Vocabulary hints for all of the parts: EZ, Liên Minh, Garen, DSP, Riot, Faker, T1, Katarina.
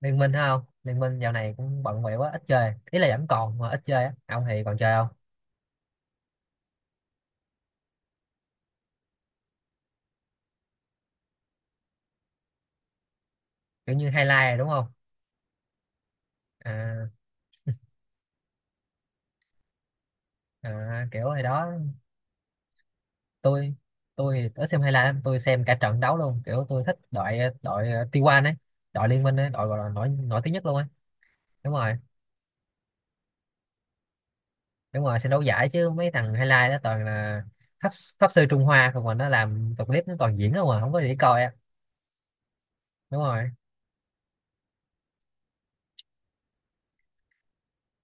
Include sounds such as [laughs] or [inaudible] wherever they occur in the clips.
Liên Minh hay không Liên Minh, dạo này cũng bận bịu quá, ít chơi. Ý là vẫn còn mà ít chơi á. Ông thì còn chơi không? Kiểu như highlight rồi đúng không? À, à, kiểu hồi đó tôi tôi thì ít xem highlight lắm, tôi xem cả trận đấu luôn. Kiểu tôi thích đội đội T1 ấy, đội Liên Minh ấy, đội gọi là nổi nổi tiếng nhất luôn ấy. Đúng rồi, đúng rồi, xem đấu giải chứ mấy thằng highlight đó toàn là pháp, pháp sư Trung Hoa, còn mà nó làm tập clip nó toàn diễn không mà không có gì để coi á. Đúng rồi.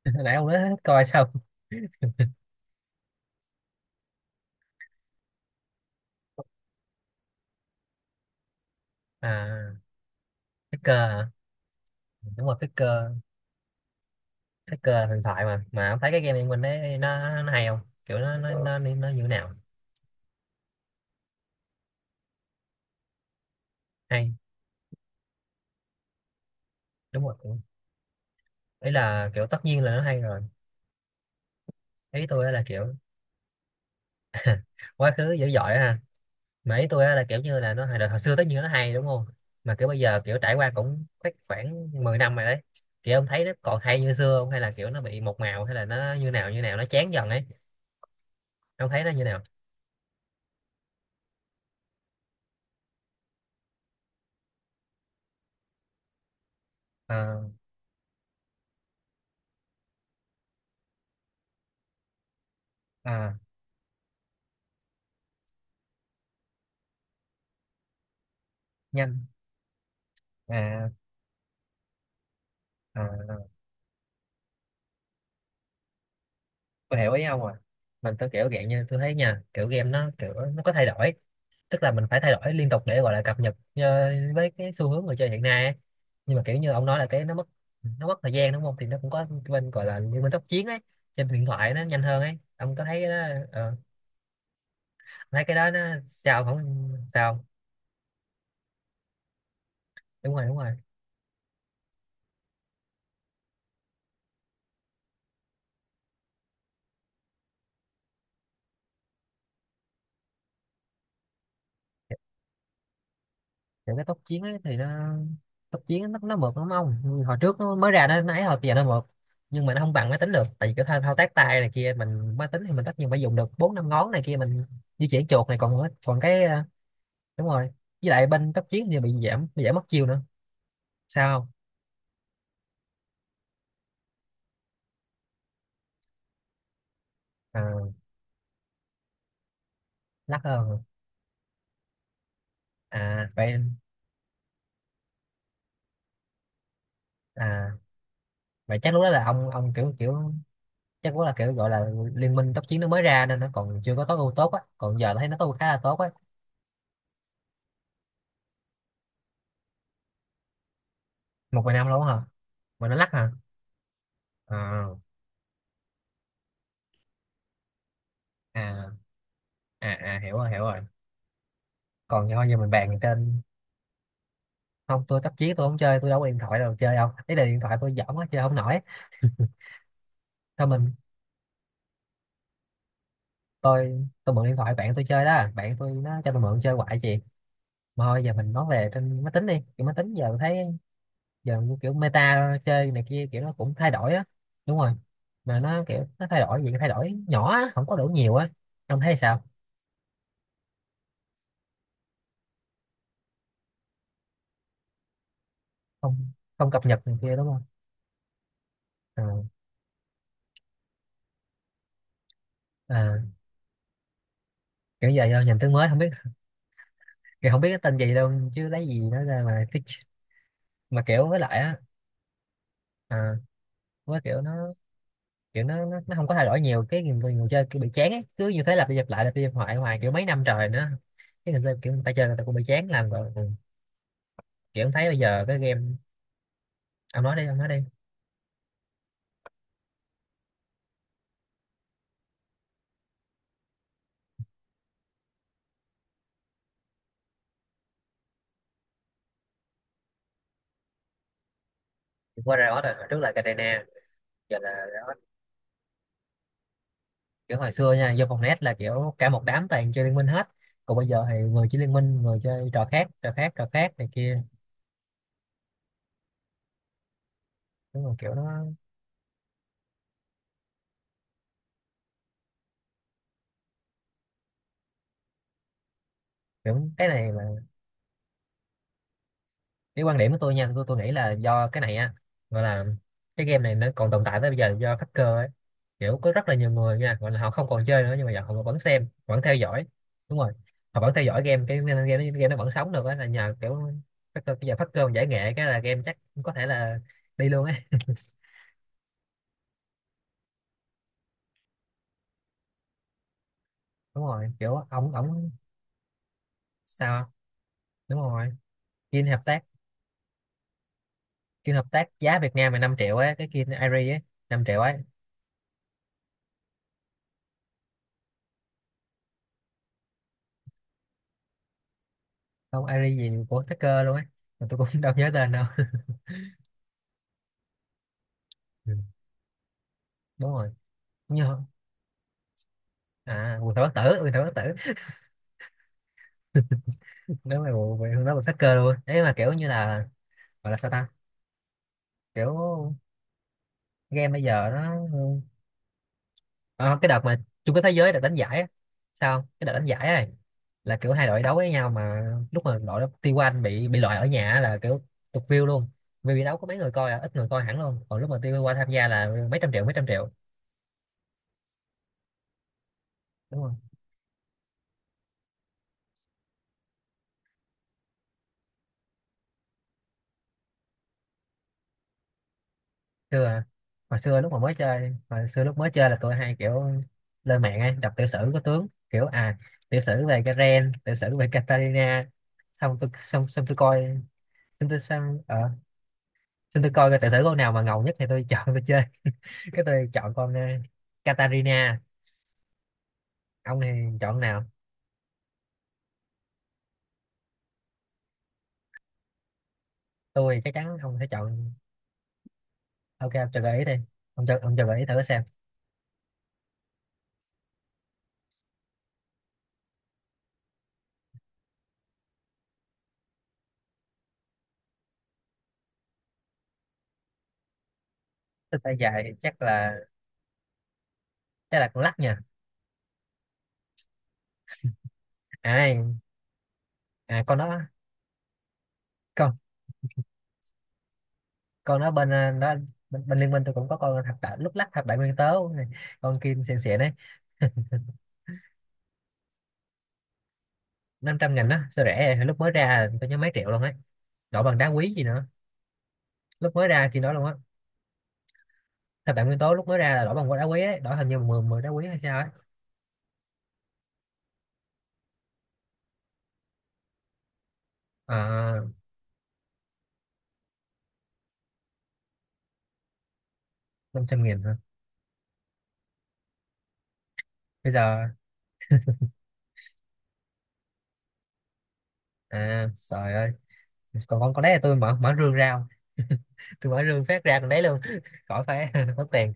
[laughs] Nãy ông nói hết coi xong. À, Faker hả? Đúng rồi, Faker. Cái cờ là huyền thoại Mà ông thấy cái game Liên Minh đấy nó hay không? Kiểu nó như thế nào? Hay. Đúng rồi, ý là kiểu tất nhiên là nó hay rồi. Ý tôi á là kiểu quá khứ dữ dội ha. Mà ý tôi á là kiểu như là nó hồi xưa tất nhiên nó hay đúng không? Mà kiểu bây giờ kiểu trải qua cũng khoảng khoảng 10 năm rồi đấy, kiểu ông thấy nó còn hay như xưa không, hay là kiểu nó bị một màu, hay là nó như nào như nào, nó chán dần ấy. Ông thấy nó như nào? À, à, nhanh. À, à. Tôi hiểu ý ông rồi. Mình tôi kiểu dạng như tôi thấy nha, kiểu game nó kiểu nó có thay đổi, tức là mình phải thay đổi liên tục để gọi là cập nhật với cái xu hướng người chơi hiện nay ấy. Nhưng mà kiểu như ông nói là cái nó mất thời gian đúng không, thì nó cũng có bên gọi là như bên tốc chiến ấy, trên điện thoại nó nhanh hơn ấy. Ông có thấy cái đó thấy cái đó nó sao không sao. Đúng rồi, đúng rồi, những cái tốc chiến ấy thì nó, tốc chiến nó mượt lắm ông. Hồi trước nó mới ra nó ấy, hồi bây giờ nó mượt. Nhưng mà nó không bằng máy tính được, tại vì cái thao tác tay này kia, mình máy tính thì mình tất nhiên phải dùng được bốn năm ngón này kia, mình di chuyển chuột này, còn còn cái đúng rồi, với lại bên tốc chiến thì bị giảm mất chiêu nữa. Sao không? À, lắc hơn. À vậy, à vậy, chắc lúc đó là ông kiểu kiểu, chắc lúc đó là kiểu gọi là liên minh tốc chiến nó mới ra nên nó còn chưa có tối ưu tốt á, còn giờ thấy nó tối ưu khá là tốt á. Một vài năm luôn á hả? Mà nó lắc hả? À, à, à, à, hiểu rồi, hiểu rồi. Còn thôi giờ mình bàn trên, không, tôi tắt chiếc, tôi không chơi, tôi đâu có điện thoại đâu chơi đâu. Ý là điện thoại tôi dởm quá chơi không nổi. Thôi mình, tôi mượn điện thoại bạn tôi chơi đó, bạn tôi nó cho tôi mượn chơi hoài chị. Mà thôi giờ mình nói về trên máy tính đi, kiểu máy tính giờ tôi thấy, giờ kiểu meta chơi này kia kiểu nó cũng thay đổi á. Đúng rồi. Mà nó kiểu nó thay đổi gì, cái thay đổi nhỏ á, không có đủ nhiều á. Ông thấy sao? Không, không cập nhật này kia đúng không? Ờ, à, kiểu giờ do nhìn tướng mới không biết, kiểu không biết cái tên gì đâu chứ lấy gì nó ra mà thích. Mà kiểu với lại á, à, với kiểu nó kiểu nó không có thay đổi nhiều, cái người chơi kiểu bị chán ấy. Cứ như thế lặp đi lặp lại lặp đi lặp lại hoài kiểu mấy năm trời nữa, cái người chơi kiểu người ta chơi người ta cũng bị chán làm rồi, ừ. Kiểu thấy bây giờ cái game, ông nói đi, ông nói đi, qua Riot rồi, hồi trước là Katarina, giờ là Riot. Kiểu hồi xưa nha, vô phòng net là kiểu cả một đám toàn chơi liên minh hết, còn bây giờ thì người chơi liên minh, người chơi trò khác trò khác trò khác này kia. Đúng rồi, kiểu nó, kiểu cái này mà, cái quan điểm của tôi nha, tôi nghĩ là do cái này á, gọi là cái game này nó còn tồn tại tới bây giờ do hacker ấy. Kiểu có rất là nhiều người nha, gọi là họ không còn chơi nữa nhưng mà giờ họ vẫn xem vẫn theo dõi. Đúng rồi, họ vẫn theo dõi game, cái nên game nó vẫn sống được á, là nhờ kiểu hacker. Bây giờ hacker giải nghệ cái là game chắc có thể là đi luôn ấy. Đúng rồi, kiểu ổng ổng sao. Đúng rồi, Kim hợp tác Kim hợp tác giá Việt Nam là 5 triệu ấy, cái Kim Airy ấy, 5 triệu ấy. Không, Airy gì của hacker luôn ấy, mà tôi cũng [laughs] đâu nhớ tên đâu. [laughs] Ừ, đúng rồi. Như, à, quần thảo bất tử, quần thảo bất tử. [laughs] Nếu mà bộ về hướng đó mình phát cơ luôn ấy, mà kiểu như là, gọi là sao ta, kiểu game bây giờ nó. Ờ, cái đợt mà chung kết thế giới được đánh giải á. Sao không? Cái đợt đánh giải ấy là kiểu hai đội đấu với nhau mà, lúc mà đội T1 bị loại ở nhà á là kiểu tụt view luôn, vì bị đấu có mấy người coi, à, ít người coi hẳn luôn, còn lúc mà T1 tham gia là mấy trăm triệu, mấy trăm triệu. Đúng rồi. Xưa à? Hồi xưa lúc mà mới chơi, hồi xưa lúc mới chơi là tôi hay kiểu lên mạng ấy đọc tiểu sử của tướng, kiểu à, tiểu sử về Garen, tiểu sử về Katarina. Xong tôi coi, xong tôi xong, xong tôi coi cái tiểu sử con nào mà ngầu nhất thì tôi [laughs] chọn tôi chơi. [laughs] Cái tôi chọn con Katarina. Ông thì chọn nào? Tôi chắc chắn ông sẽ chọn. Ok ông cho gợi ý đi. Ông cho, ông cho gợi ý thử xem. Tôi tay dài, chắc là, chắc là con lắc nha. À, à, con đó. Con con đó bên đó, bên liên minh tôi cũng có con thập đại lúc lắc, thập đại nguyên tố này. Con kim xịn xịn đấy. Năm trăm nghìn đó sao rẻ vậy? Lúc mới ra tôi nhớ mấy triệu luôn ấy, đổi bằng đá quý gì nữa. Lúc mới ra khi đó luôn á. Thập đại nguyên tố lúc mới ra là đổi bằng đá quý ấy, đổi hình như mười mười đá quý hay sao ấy. À, 500.000 hả? Bây giờ, à trời ơi. Còn con đấy là tôi mở mở rương ra không? [laughs] Tôi mở rương phát ra còn đấy luôn. [laughs] Khỏi phải [laughs] mất tiền.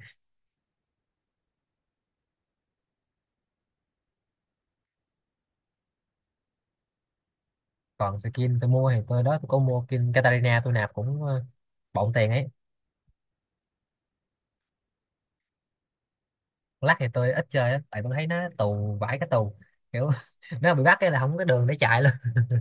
Còn skin tôi mua thì tôi đó, tôi có mua skin Katarina, tôi nạp cũng bộn tiền ấy. Lắc thì tôi ít chơi á, tại tôi thấy nó tù vãi, cái tù kiểu [laughs] nó bị bắt cái là không có đường để chạy luôn. [laughs]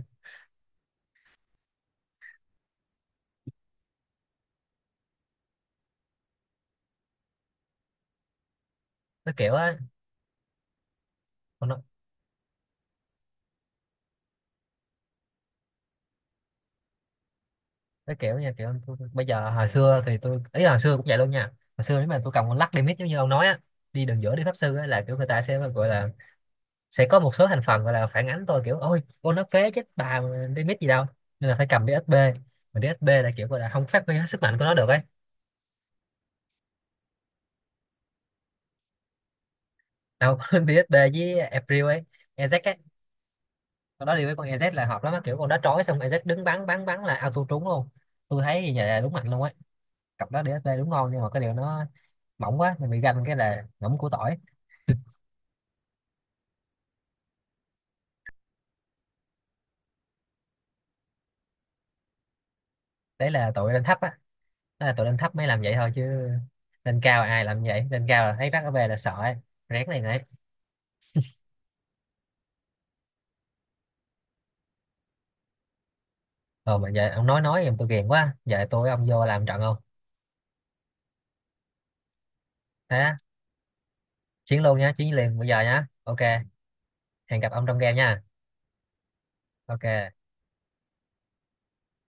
Nó kiểu á, nó, nó kiểu nha, kiểu tôi, bây giờ hồi xưa thì tôi, ý là hồi xưa cũng vậy luôn nha. Hồi xưa nếu mà tôi cầm con lắc đi mít giống như ông nói á, đi đường giữa đi Pháp Sư á, là kiểu người ta sẽ gọi là, sẽ có một số thành phần gọi là phản ánh tôi kiểu ôi con nó phế chết bà mà đi mít gì đâu, nên là phải cầm DSP. Mà DSP là kiểu gọi là không phát huy hết sức mạnh của nó được ấy. Đâu, [laughs] DSP với April ấy, Ezek á, con đó đi với con EZ là hợp lắm á. Kiểu con đó trói xong EZ đứng bắn bắn bắn là auto trúng luôn. Tôi thấy như vậy là đúng mạnh luôn á, cặp đó DSP đúng ngon, nhưng mà cái điều nó mỏng quá mình bị ganh cái là ngỗng củ tỏi. Đấy là tụi lên thấp á, đó là tụi lên thấp mới làm vậy thôi chứ lên cao ai làm vậy. Lên cao là thấy rắc ở về là sợ ấy, rén này này. Ờ mà giờ ông nói em tôi ghiền quá, giờ tôi với ông vô làm trận không? Thế á, chiến luôn nhá, chiến liền bây giờ nhá, ok. Hẹn gặp ông trong game nha. Ok.